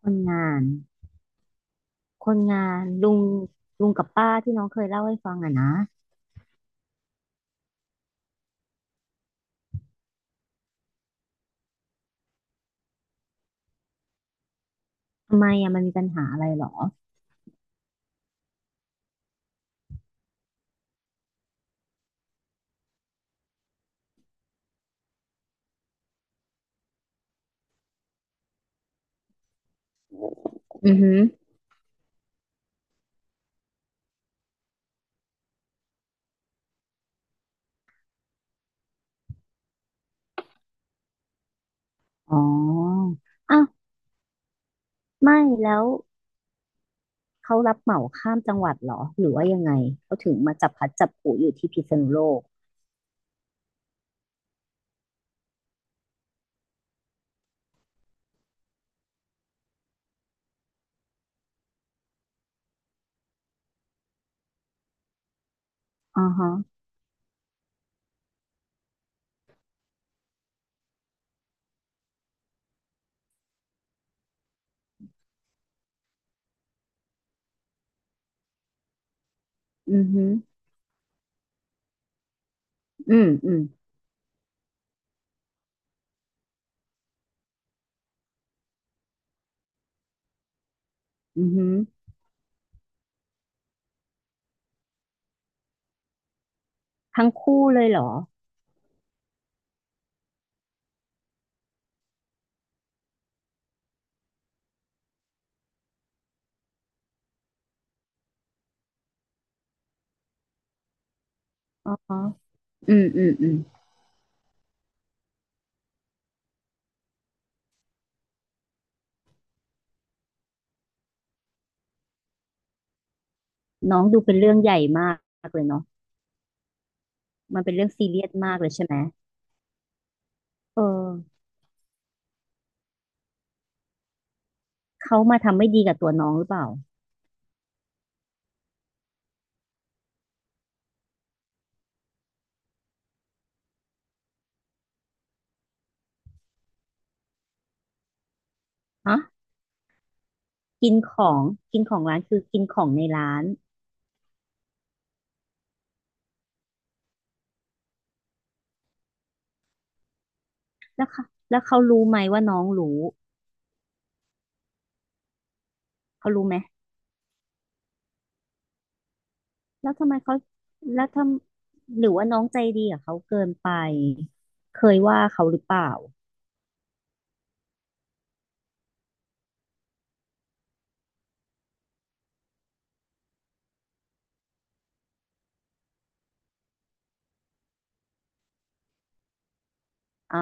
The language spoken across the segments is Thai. คนงานคนงานลุงกับป้าที่น้องเคยเล่าให้ฟังอะนะทำไมอะมันมีปัญหาอะไรหรออือหืออ๋ออ้าวไม่แล้วเขารับเหมาข้ามจังหวัดเหรอหรือว่ายังไงเขาถึงมาจับพลัดจับผลูอยู่ที่พิษณุโลกอ๋อฮะอือฮึออืมอืมอือฮึทั้งคู่เลยเหรออ๋อฮะอืมอืมอืมน้องดูเป็นเรื่องใหญ่มากเลยเนาะมันเป็นเรื่องซีเรียสมากเลยใช่ไหมเออเขามาทำไม่ดีกับตัวน้องหรือเปล่าฮะ กินของกินของร้านคือกินของในร้านแล้วค่ะแล้วเขารู้ไหมว่าน้องรู้เขารู้ไหมแล้วทำไมเขาแล้วทำหรือว่าน้องใจดีกับเขาเกินไปเคยว่าเขาหรือเปล่าเอา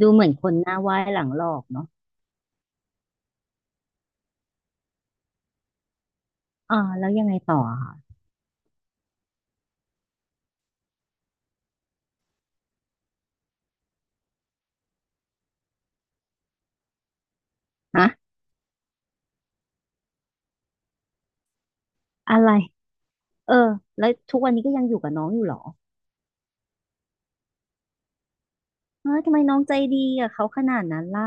ดูเหมือนคนหน้าไหว้หลังหลอกเนาะอ่าแล้วยังไงต่ออะคะฮะอะไรเออแล้วทุกวันนี้ก็ยังอยู่กับน้องอยู่เหรอเออทำไมน้องใจดีกับเขาขนาดนั้นล่ะ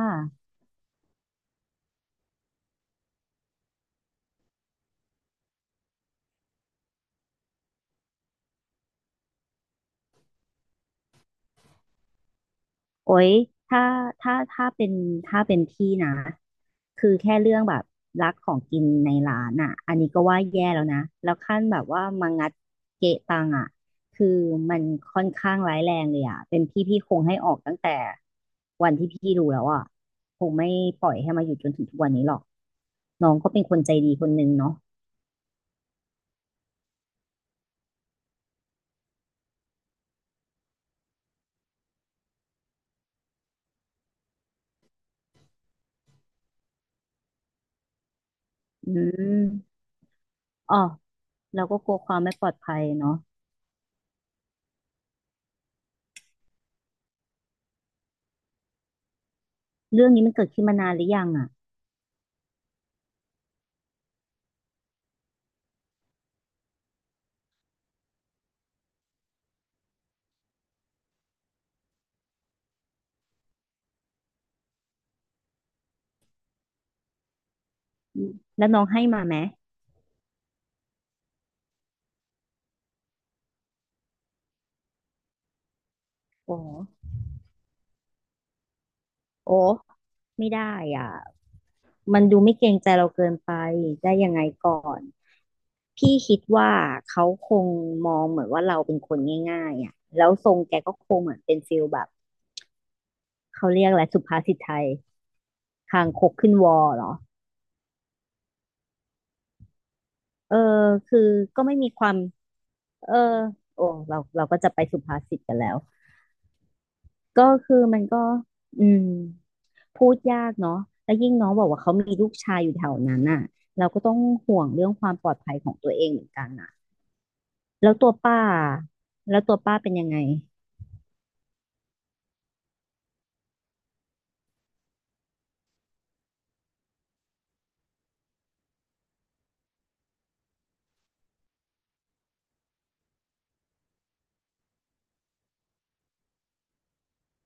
โอ๊ยถ้าถ้าเป็นถ้าเป็นพี่นะคือแค่เรื่องแบบรักของกินในร้านอ่ะอันนี้ก็ว่าแย่แล้วนะแล้วขั้นแบบว่ามางัดเกะตังอ่ะคือมันค่อนข้างร้ายแรงเลยอ่ะเป็นพี่คงให้ออกตั้งแต่วันที่พี่รู้แล้วอ่ะคงไม่ปล่อยให้มาอยู่จนถึงทุกวันนี้หรอก น้องก็เป็นคนใจดีคนหนึ่งเนาะอืมอ๋อเราก็กลัวความไม่ปลอดภัยเนาะเรื่องนี้มันเกิดขึ้นมานานหรือยังอ่ะอืมแล้วน้องให้มาไหมอ๋อ โอ้ไม่ได้อ่ะมันดูไม่เกรงใจเราเกินไปได้ยังไงก่อนพี่คิดว่าเขาคงมองเหมือนว่าเราเป็นคนง่ายๆอ่ะแล้วทรงแกก็คงเหมือนเป็นฟิลแบบเขาเรียกอะไรสุภาษิตไทยคางคกขึ้นวอเหรอเออคือก็ไม่มีความเออโอ้เราก็จะไปสุภาษิตกันแล้ว ก็คือมันก็อืมพูดยากเนาะแล้วยิ่งน้องบอกว่าเขามีลูกชายอยู่แถวนั้นน่ะเราก็ต้องห่วงเรื่องความปลอดภัยของตัวเองเหมือนกันน่ะแล้วตัวป้าแล้วตัวป้าเป็นยังไง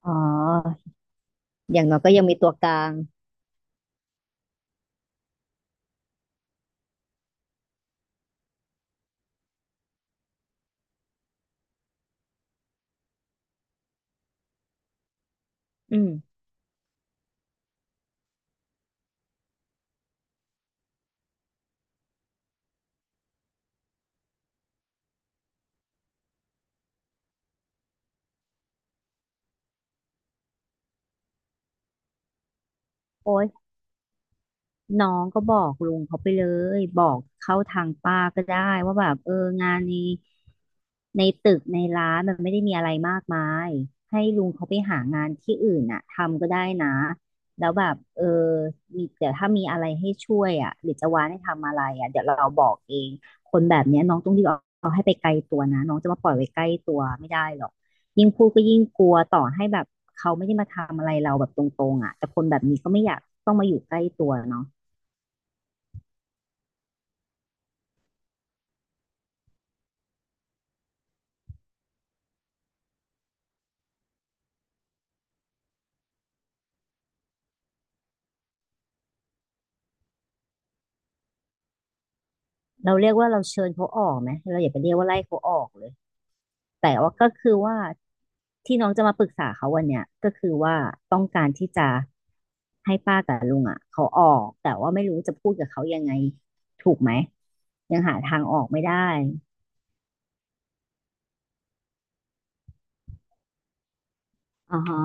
อ๋ออย่างน้อยก็ยังมีตัวกลางอืมโอ้ย น้องก็บอกลุงเขาไปเลยบอกเข้าทางป้าก็ได้ว่าแบบเอองานในตึกในร้านมันไม่ได้มีอะไรมากมายให้ลุงเขาไปหางานที่อื่นน่ะทำก็ได้นะแล้วแบบเออมีเดี๋ยวถ้ามีอะไรให้ช่วยอ่ะหรือจะวานให้ทำอะไรอ่ะเดี๋ยวเราบอกเองคนแบบเนี้ยน้องต้องรีบเอาให้ไปไกลตัวนะน้องจะมาปล่อยไว้ใกล้ตัวไม่ได้หรอกยิ่งพูดก็ยิ่งกลัวต่อให้แบบเขาไม่ได้มาทำอะไรเราแบบตรงๆอ่ะแต่คนแบบนี้ก็ไม่อยากต้องมาอยู่ใกล้ตัวเนาะ เราเรียกว่าเราเชิญเขาออกไหมเราอย่าไปเรียกว่าไล่เขาออกเลยแต่ว่าก็คือว่าที่น้องจะมาปรึกษาเขาวันเนี้ยก็คือว่าต้องการที่จะให้ป้ากับลุงอ่ะเขาออกแต่ว่าไม่รู้จะพูดกับเขายังไงถูกไหมยังหาทางออกไม่ได้อ่าฮะ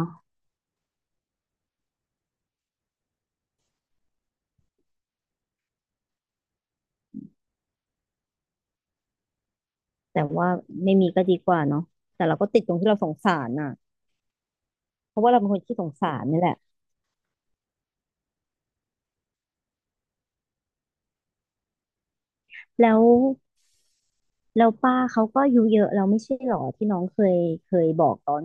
แต่ว่าไม่มีก็ดีกว่าเนาะแต่เราก็ติดตรงที่เราสงสารน่ะเพราะว่าเราเป็นคนขี้สงสารนี่แหละแล้วแล้วป้าเขาก็อายุเยอะเราไม่ใช่หรอที่น้องเคยบอกตอน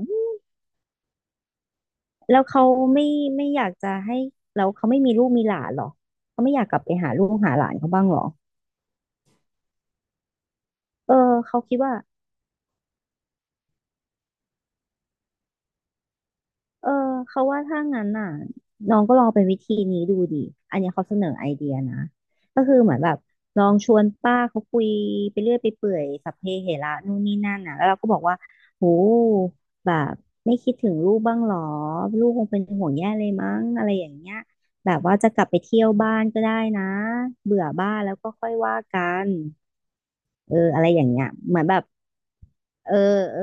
แล้วเขาไม่ไม่อยากจะให้แล้วเขาไม่มีลูกมีหลานเหรอเขาไม่อยากกลับไปหาลูกหาหลานเขาบ้างเหรอเออเขาคิดว่า เออเขาว่าถ้างั้นน่ะน้องก็ลองเป็นวิธีนี้ดูดิอันเนี้ยเขาเสนอไอเดียนะก็คือเหมือนแบบลองชวนป้าเขาคุยไปเรื่อยไปเปื่อยสัพเพเหระนู่นนี่นั่นน่ะแล้วเราก็บอกว่าโหแบบไม่คิดถึงลูกบ้างหรอลูกคงเป็นห่วงแย่เลยมั้งอะไรอย่างเงี้ยแบบว่าจะกลับไปเที่ยวบ้านก็ได้นะเบื่อบ้านแล้วก็ค่อยว่ากันเอออะไรอย่างเงี้ยเหมือนแบบ เออเออ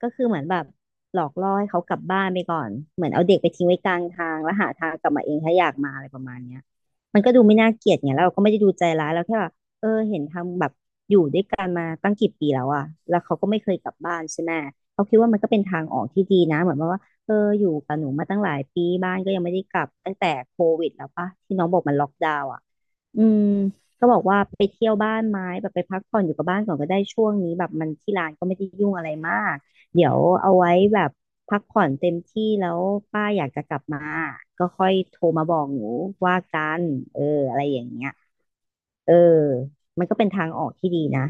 ก็คือเหมือนแบบหลอกล่อให้เขากลับบ้านไปก่อนเหมือนเอาเด็กไปทิ้งไว้กลางทางแล้วหาทางกลับมาเองถ้าอยากมาอะไรประมาณเนี้ยมันก็ดูไม่น่าเกลียดไงแล้วเราก็ไม่ได้ดูใจร้ายเราแค่ว่าเออเห็นทำแบบอยู่ด้วยกันมาตั้งกี่ปีแล้วอะแล้วเขาก็ไม่เคยกลับบ้านใช่ไหมเขาคิดว่ามันก็เป็นทางออกที่ดีนะเหมือนว่าเอออยู่กับหนูมาตั้งหลายปีบ้านก็ยังไม่ได้กลับตั้งแต่โควิดแล้วปะที่น้องบอกมันล็อกดาวน์อะอืม ก็บอกว่าไปเที่ยวบ้านไหม้แบบไปพักผ่อนอยู่กับบ้านก่อนก็ได้ช่วงนี้แบบมันที่ร้านก็ไม่ได้ยุ่งอะไรมากเดี๋ยวเอาไว้แบบพักผ่อนเต็มที่แล้วป้าอยากจะกลับมาก็ค่อยโทรมาบอกหนูว่ากันเอออะไรอย่างเงี้ยเออมันก็เป็นทางออกที่ดีนะ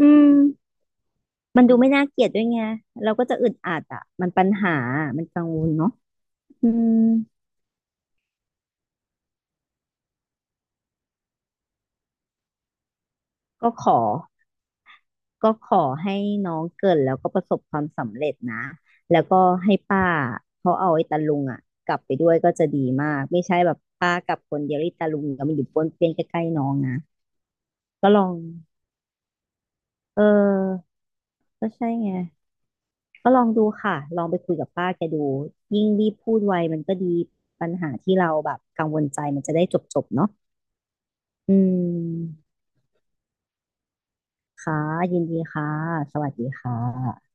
อืมมันดูไม่น่าเกลียดด้วยไงเราก็จะอึดอัดอ่ะมันปัญหามันกังวลเนาะอืมก็ขอ ก็ขอให้น้องเกิดแล้วก็ประสบความสำเร็จนะ แล้วก็ให้ป้าเขาเอาไอ้ตาลุงอ่ะกลับไปด้วยก็จะดีมากไม่ใช่แบบป้ากลับคนเดียวไอ้ตาลุงก็มันอยู่ป้วนเปี้ยนใกล้ๆน้องนะก็ลองเออก็ใช่ไงก็ลองดูค่ะลองไปคุยกับป้าแกดูยิ่งรีบพูดไวมันก็ดีปัญหาที่เราแบบกังวลใจมันจะได้จบๆเนาะอืมค่ะยินดีค่ะสวัสดีค่ะ